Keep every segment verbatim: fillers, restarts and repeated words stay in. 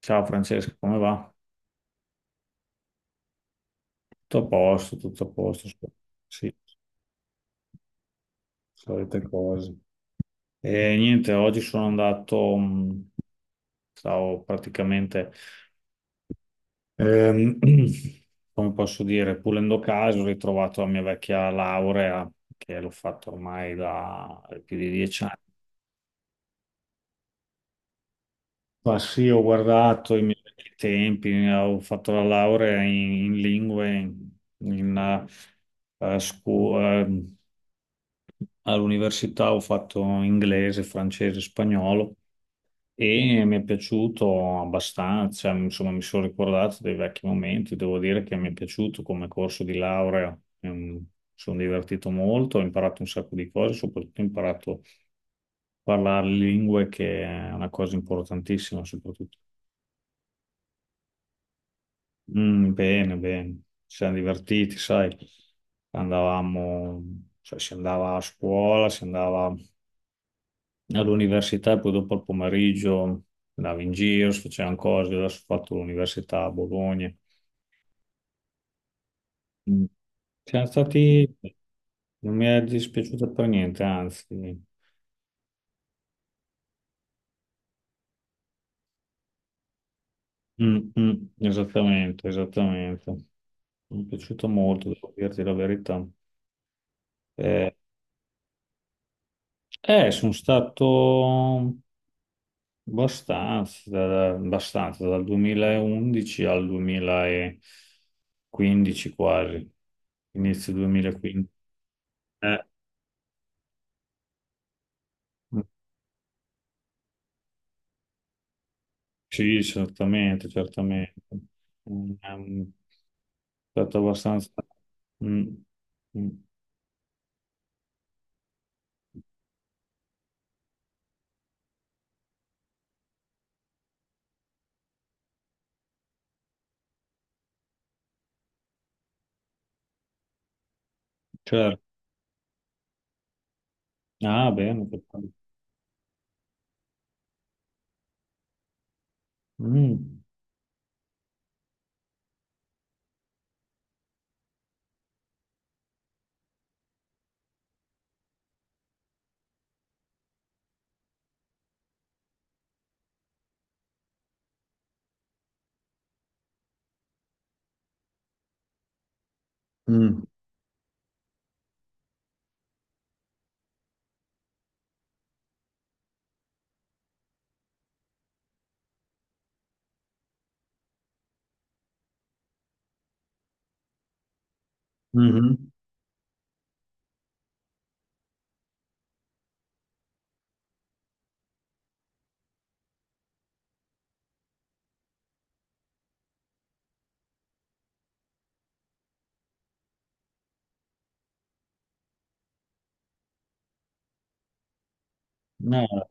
Ciao Francesco, come va? Tutto a posto, tutto a posto, so- sì, solite cose. E niente, oggi sono andato, mh, stavo praticamente, ehm, come posso dire, pulendo caso, ho ritrovato la mia vecchia laurea, che l'ho fatto ormai da più di dieci anni. Ma sì, ho guardato i miei vecchi tempi, eh, ho fatto la laurea in, in lingue in, in, eh, eh, scu- eh, all'università ho fatto inglese, francese, spagnolo e mi è piaciuto abbastanza, insomma mi sono ricordato dei vecchi momenti, devo dire che mi è piaciuto come corso di laurea, ehm, mi sono divertito molto, ho imparato un sacco di cose, soprattutto ho imparato a parlare lingue, che è una cosa importantissima, soprattutto. Mm, bene, bene, ci siamo divertiti, sai, andavamo, cioè si andava a scuola, si andava all'università e poi dopo al pomeriggio andavo in giro, si facevano cose. Adesso, ho fatto l'università a Bologna. Mm. Siamo stati, non mi è dispiaciuto per niente, anzi. Mm, mm, esattamente, esattamente. Mi è piaciuto molto, devo dirti la verità. Eh, eh, sono stato. Abbastanza, da- abbastanza, dal duemilaundici al duemilaquindici quasi, inizio duemilaquindici. Eh, sì, certamente, certamente. Mm. È stato abbastanza... Mm, mm, certo. Ah, bene. Perfetto. Mm, mm, mhm. Ah,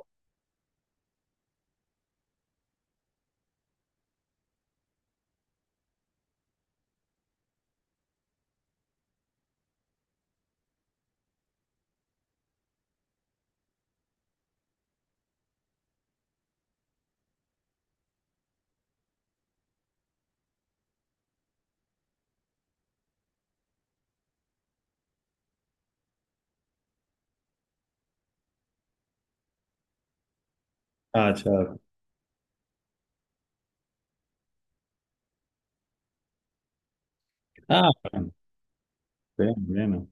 ah, certo. Ah, bene, bene.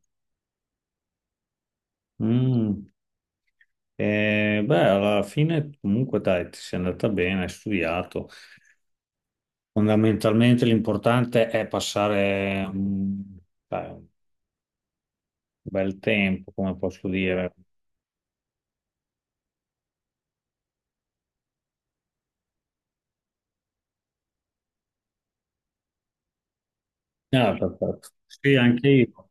Bene. Mm. Eh, beh, alla fine comunque dai, ti sei andata bene, hai studiato. Fondamentalmente l'importante è passare, mm, dai, un bel tempo, come posso dire. Ah, perfetto. Sì, anche io.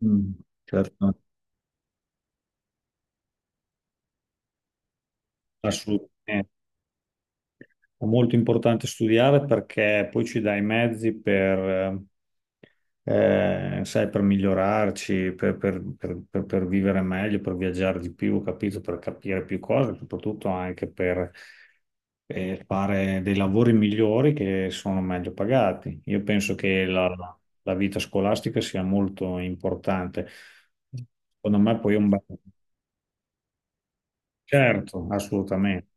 Mm, certo, assolutamente. È molto importante studiare, perché poi ci dà i mezzi per, eh, eh, sai, per migliorarci, per, per- per- per- per vivere meglio, per viaggiare di più, capito? Per capire più cose, soprattutto anche per eh, fare dei lavori migliori, che sono meglio pagati. Io penso che la, la vita scolastica sia molto importante. Secondo me poi è un bel... Certo, assolutamente.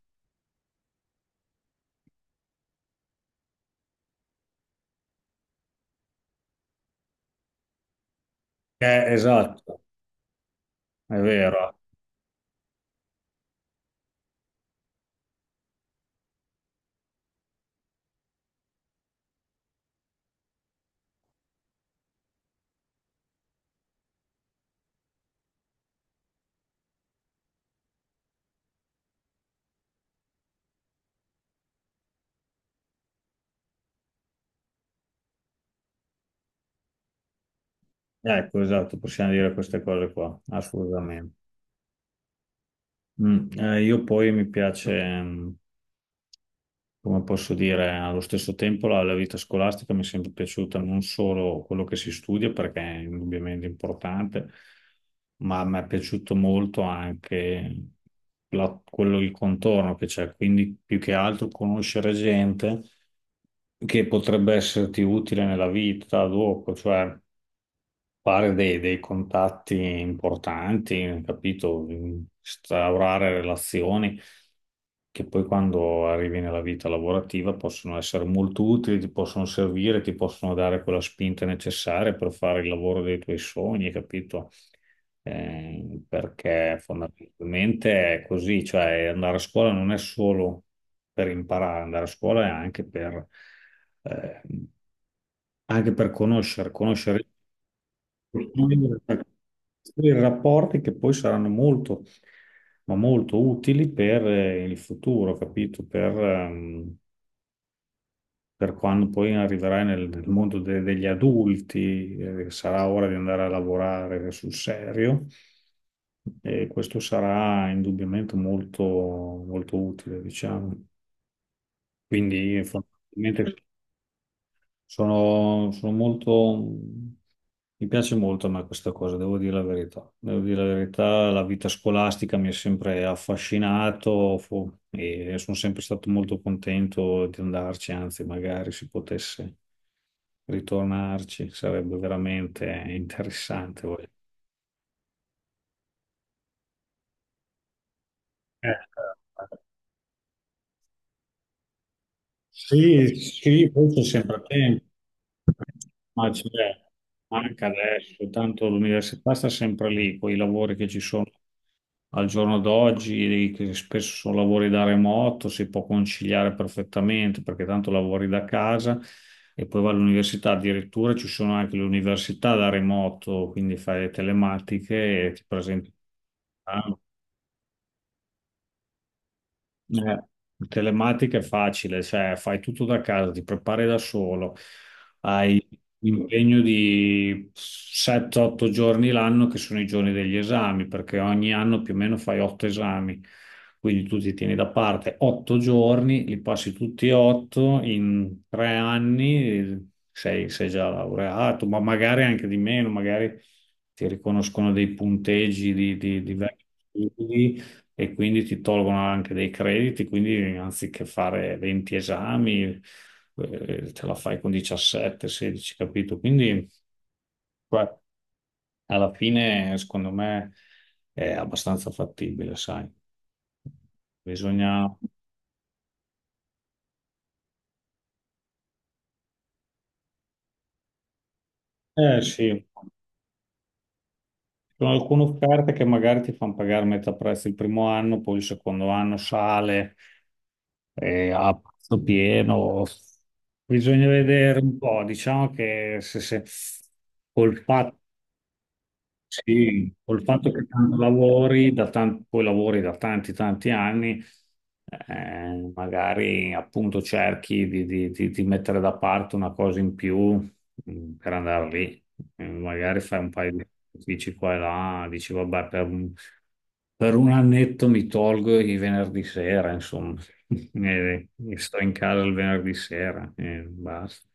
Eh, esatto, è vero. Ecco, esatto, possiamo dire queste cose qua, assolutamente. Mm, eh, io poi mi piace, mm, come posso dire, allo stesso tempo la, la vita scolastica mi è sempre piaciuta, non solo quello che si studia, perché è indubbiamente importante, ma mi è piaciuto molto anche la- quello, il contorno che c'è, quindi più che altro conoscere gente che potrebbe esserti utile nella vita dopo, cioè fare dei, dei contatti importanti, capito? Instaurare relazioni che poi quando arrivi nella vita lavorativa possono essere molto utili, ti possono servire, ti possono dare quella spinta necessaria per fare il lavoro dei tuoi sogni, capito? Eh, perché fondamentalmente è così, cioè andare a scuola non è solo per imparare, andare a scuola è anche per... eh, anche per conoscere, conoscere, per cui, eh, costruire rapporti che poi saranno molto, ma molto utili per eh, il futuro, capito? Per, ehm, per quando poi arriverai nel, nel mondo de- degli adulti, eh, sarà ora di andare a lavorare sul serio, e questo sarà indubbiamente molto, molto utile, diciamo. Quindi, fondamentalmente, Sono, sono molto, mi piace molto a me questa cosa, devo dire la verità. Devo dire la verità, la vita scolastica mi ha sempre affascinato, fu- e sono sempre stato molto contento di andarci, anzi, magari si potesse ritornarci, sarebbe veramente interessante. voglio- Eh, sì, sì, poi c'è sempre tempo. Ma c'è anche adesso, tanto l'università sta sempre lì. Con i lavori che ci sono al giorno d'oggi, che spesso sono lavori da remoto, si può conciliare perfettamente, perché tanto lavori da casa e poi vai all'università. Addirittura ci sono anche le università da remoto, quindi fai le telematiche e ti presenti. Eh, telematica è facile, cioè fai tutto da casa, ti prepari da solo, hai l'impegno di sette otto giorni l'anno, che sono i giorni degli esami, perché ogni anno più o meno fai otto esami, quindi tu ti tieni da parte otto giorni, li passi tutti e otto in tre anni, sei, sei già laureato, ma magari anche di meno, magari ti riconoscono dei punteggi di, di, di vari studi e quindi ti tolgono anche dei crediti, quindi anziché fare venti esami, eh, te la fai con diciassette, sedici, capito? Quindi beh, alla fine, secondo me, è abbastanza fattibile, sai. Bisogna... Eh sì, ci sono alcune offerte che magari ti fanno pagare metà prezzo il primo anno, poi il secondo anno sale eh, a prezzo pieno. Bisogna vedere un po', diciamo che se, se col fatto sì, col fatto che tanto lavori da tan- poi lavori da tanti tanti anni, eh, magari appunto cerchi di, di- di- di mettere da parte una cosa in più, mh, per andare lì. Eh, magari fai un paio di sacrifici qua e là, dici vabbè, per un, per un annetto mi tolgo i venerdì sera, insomma, e, e sto in casa il venerdì sera e basta.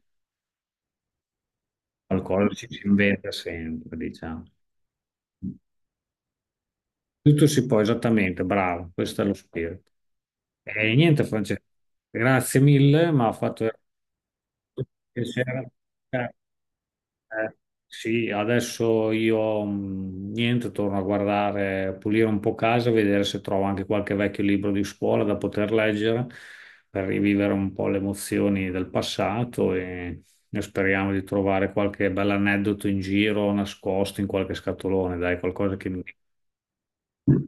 Qualcosa ci si inventa sempre, diciamo. Tutto si può, esattamente, bravo, questo è lo spirito. E niente, Francesco, grazie mille, ma ha fatto veramente piacere. Eh, eh, sì, adesso io, mh, niente, torno a guardare, a pulire un po' casa, a vedere se trovo anche qualche vecchio libro di scuola da poter leggere per rivivere un po' le emozioni del passato, e, e speriamo di trovare qualche bell'aneddoto in giro, nascosto in qualche scatolone, dai, qualcosa che mi...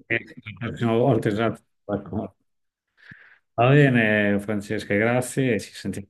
Eh, la prossima volta, esatto. Ecco. Va bene, Francesca, grazie e ci sentiamo.